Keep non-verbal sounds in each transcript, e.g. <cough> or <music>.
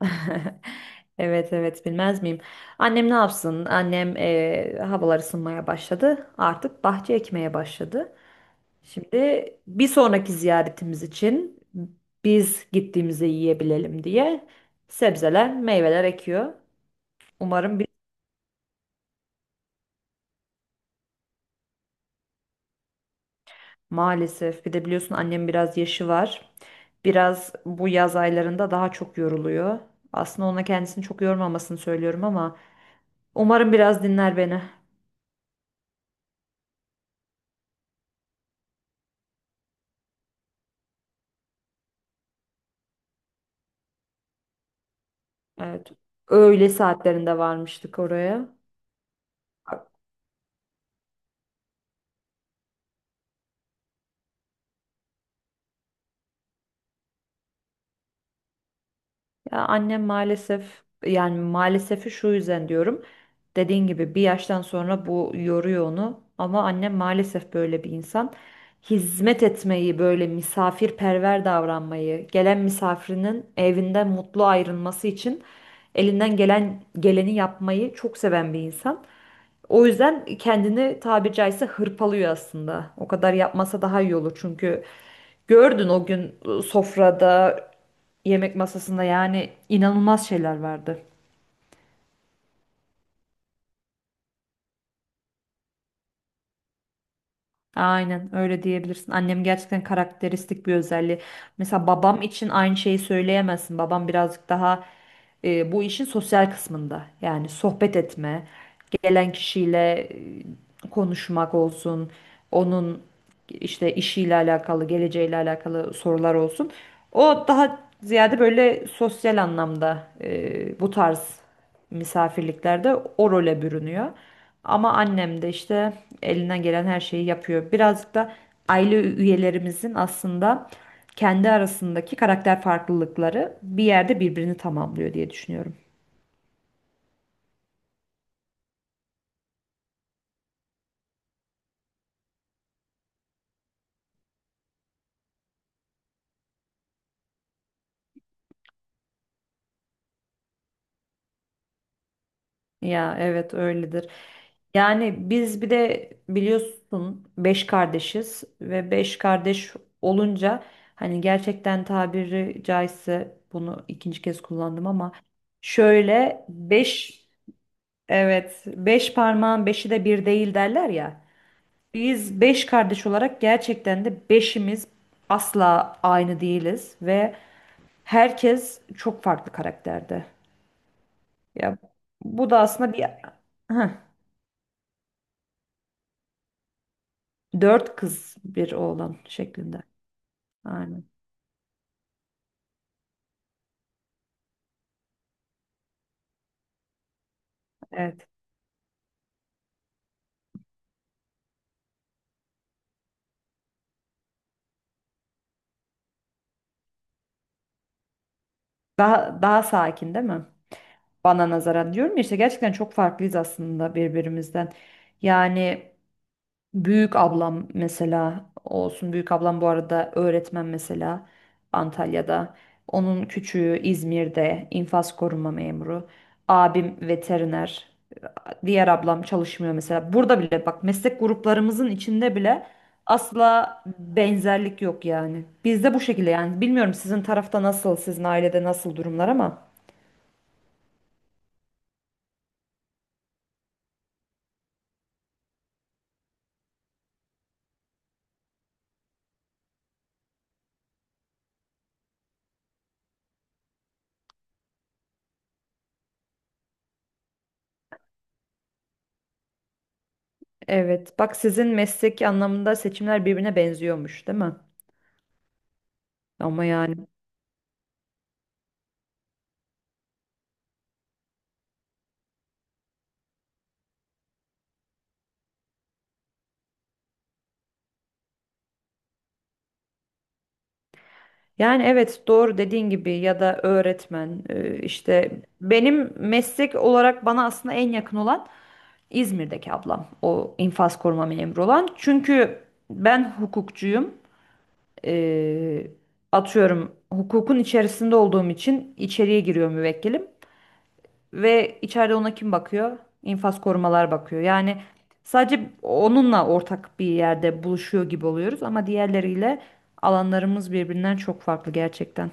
<laughs> Evet, bilmez miyim? Annem ne yapsın? Annem havalar ısınmaya başladı. Artık bahçe ekmeye başladı. Şimdi bir sonraki ziyaretimiz için biz gittiğimizde yiyebilelim diye sebzeler, meyveler ekiyor. Umarım bir Maalesef bir de biliyorsun annem biraz yaşı var. Biraz bu yaz aylarında daha çok yoruluyor. Aslında ona kendisini çok yormamasını söylüyorum ama umarım biraz dinler beni. Evet. Öğle saatlerinde varmıştık oraya. Ya annem maalesef yani maalesef şu yüzden diyorum. Dediğin gibi bir yaştan sonra bu yoruyor onu. Ama annem maalesef böyle bir insan. Hizmet etmeyi, böyle misafirperver davranmayı, gelen misafirinin evinden mutlu ayrılması için elinden gelen geleni yapmayı çok seven bir insan. O yüzden kendini tabiri caizse hırpalıyor aslında. O kadar yapmasa daha iyi olur, çünkü gördün o gün sofrada, yemek masasında yani inanılmaz şeyler vardı. Aynen öyle diyebilirsin. Annem gerçekten karakteristik bir özelliği. Mesela babam için aynı şeyi söyleyemezsin. Babam birazcık daha bu işin sosyal kısmında. Yani sohbet etme, gelen kişiyle konuşmak olsun, onun işte işiyle alakalı, geleceğiyle alakalı sorular olsun. O daha ziyade böyle sosyal anlamda bu tarz misafirliklerde o role bürünüyor. Ama annem de işte elinden gelen her şeyi yapıyor. Birazcık da aile üyelerimizin aslında kendi arasındaki karakter farklılıkları bir yerde birbirini tamamlıyor diye düşünüyorum. Ya evet öyledir. Yani biz bir de biliyorsun beş kardeşiz ve beş kardeş olunca hani gerçekten tabiri caizse bunu ikinci kez kullandım ama şöyle beş Evet, beş parmağın beşi de bir değil derler ya. Biz beş kardeş olarak gerçekten de beşimiz asla aynı değiliz ve herkes çok farklı karakterde. Ya bu da aslında bir Heh, Dört kız bir oğlan şeklinde. Aynen. Evet. Daha daha sakin değil mi? Bana nazaran diyorum ya işte gerçekten çok farklıyız aslında birbirimizden. Yani. Büyük ablam mesela olsun. Büyük ablam bu arada öğretmen mesela Antalya'da. Onun küçüğü İzmir'de infaz koruma memuru. Abim veteriner. Diğer ablam çalışmıyor mesela. Burada bile bak meslek gruplarımızın içinde bile asla benzerlik yok yani. Bizde bu şekilde yani. Bilmiyorum sizin tarafta nasıl, sizin ailede nasıl durumlar ama. Evet, bak sizin mesleki anlamında seçimler birbirine benziyormuş, değil mi? Ama yani. Yani evet doğru dediğin gibi ya da öğretmen işte benim meslek olarak bana aslında en yakın olan İzmir'deki ablam o infaz koruma memuru olan. Çünkü ben hukukçuyum. E, Atıyorum, hukukun içerisinde olduğum için içeriye giriyor müvekkilim ve içeride ona kim bakıyor? İnfaz korumalar bakıyor. Yani sadece onunla ortak bir yerde buluşuyor gibi oluyoruz ama diğerleriyle alanlarımız birbirinden çok farklı gerçekten.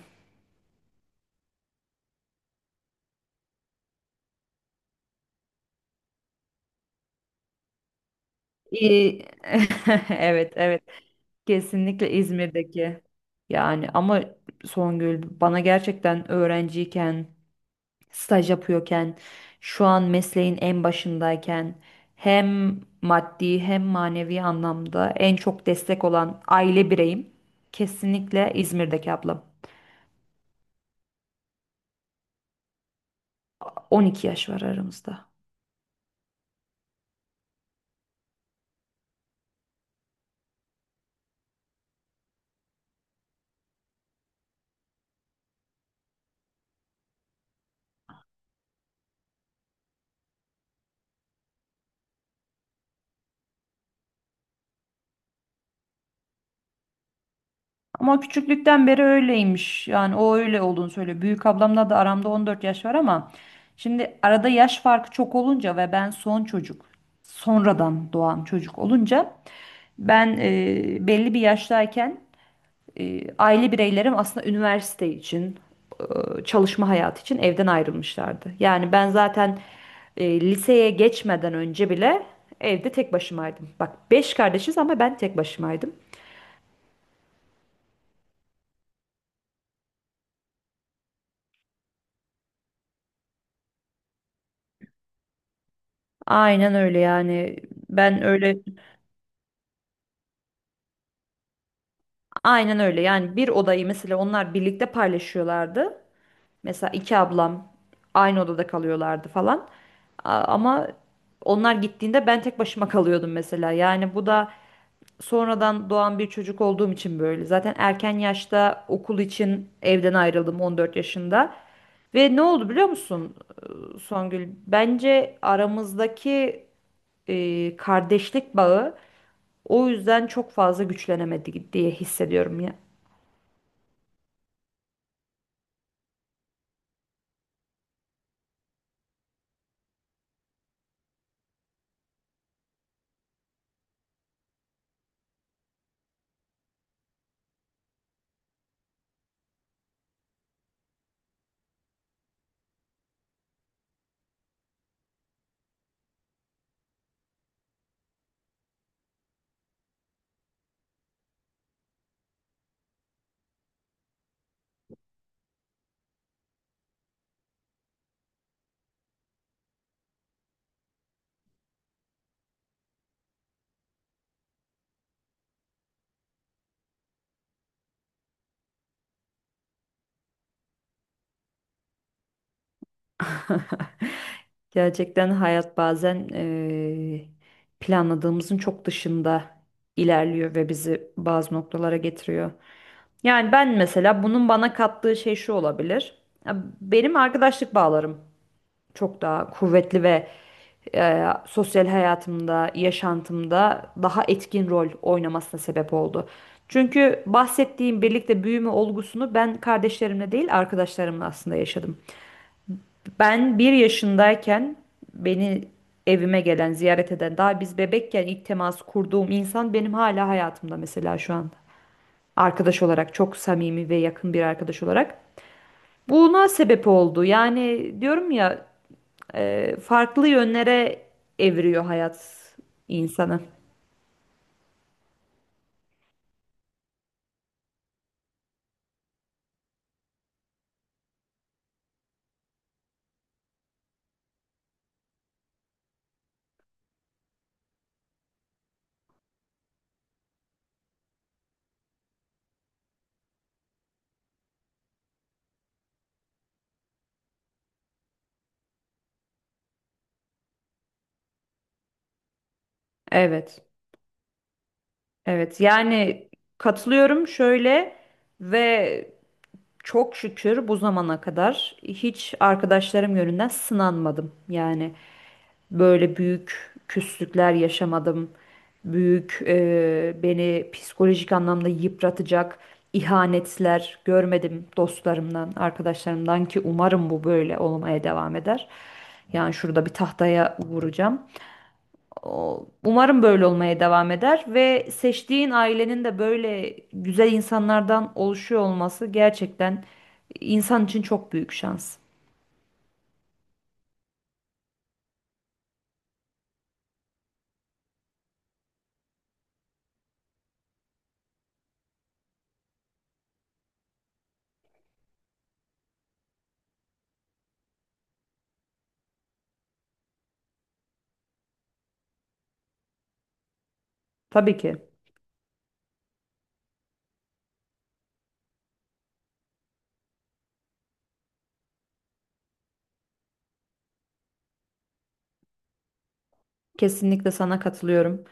İyi. <laughs> Evet, evet. Kesinlikle İzmir'deki. Yani ama Songül bana gerçekten öğrenciyken, staj yapıyorken, şu an mesleğin en başındayken hem maddi hem manevi anlamda en çok destek olan aile bireyim kesinlikle İzmir'deki ablam. 12 yaş var aramızda. Ama küçüklükten beri öyleymiş. Yani o öyle olduğunu söylüyor. Büyük ablamla da aramda 14 yaş var ama şimdi arada yaş farkı çok olunca ve ben son çocuk, sonradan doğan çocuk olunca ben belli bir yaştayken aile bireylerim aslında üniversite için, çalışma hayatı için evden ayrılmışlardı. Yani ben zaten liseye geçmeden önce bile evde tek başımaydım. Bak beş kardeşiz ama ben tek başımaydım. Aynen öyle yani ben öyle aynen öyle yani, bir odayı mesela onlar birlikte paylaşıyorlardı. Mesela iki ablam aynı odada kalıyorlardı falan. Ama onlar gittiğinde ben tek başıma kalıyordum mesela. Yani bu da sonradan doğan bir çocuk olduğum için böyle. Zaten erken yaşta okul için evden ayrıldım 14 yaşında. Ve ne oldu biliyor musun Songül? Bence aramızdaki kardeşlik bağı o yüzden çok fazla güçlenemedi diye hissediyorum ya. <laughs> Gerçekten hayat bazen planladığımızın çok dışında ilerliyor ve bizi bazı noktalara getiriyor. Yani ben mesela bunun bana kattığı şey şu olabilir. Ya benim arkadaşlık bağlarım çok daha kuvvetli ve sosyal hayatımda, yaşantımda daha etkin rol oynamasına sebep oldu. Çünkü bahsettiğim birlikte büyüme olgusunu ben kardeşlerimle değil arkadaşlarımla aslında yaşadım. Ben bir yaşındayken beni evime gelen, ziyaret eden, daha biz bebekken ilk temas kurduğum insan benim hala hayatımda mesela şu anda. Arkadaş olarak çok samimi ve yakın bir arkadaş olarak. Buna sebep oldu. Yani diyorum ya, farklı yönlere evriyor hayat insanı. Evet, evet. Yani katılıyorum şöyle ve çok şükür bu zamana kadar hiç arkadaşlarım yönünden sınanmadım. Yani böyle büyük küslükler yaşamadım. Büyük beni psikolojik anlamda yıpratacak ihanetler görmedim dostlarımdan, arkadaşlarımdan, ki umarım bu böyle olmaya devam eder. Yani şurada bir tahtaya vuracağım. Umarım böyle olmaya devam eder ve seçtiğin ailenin de böyle güzel insanlardan oluşuyor olması gerçekten insan için çok büyük şans. Tabii ki. Kesinlikle sana katılıyorum.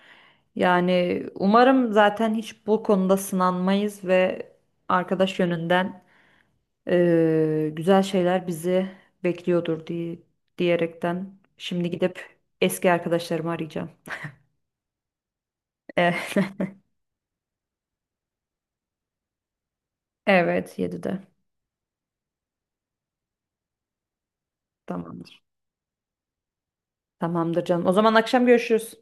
Yani umarım zaten hiç bu konuda sınanmayız ve arkadaş yönünden güzel şeyler bizi bekliyordur diye diyerekten şimdi gidip eski arkadaşlarımı arayacağım. <laughs> Evet, 7'de. Tamamdır. Tamamdır canım. O zaman akşam görüşürüz.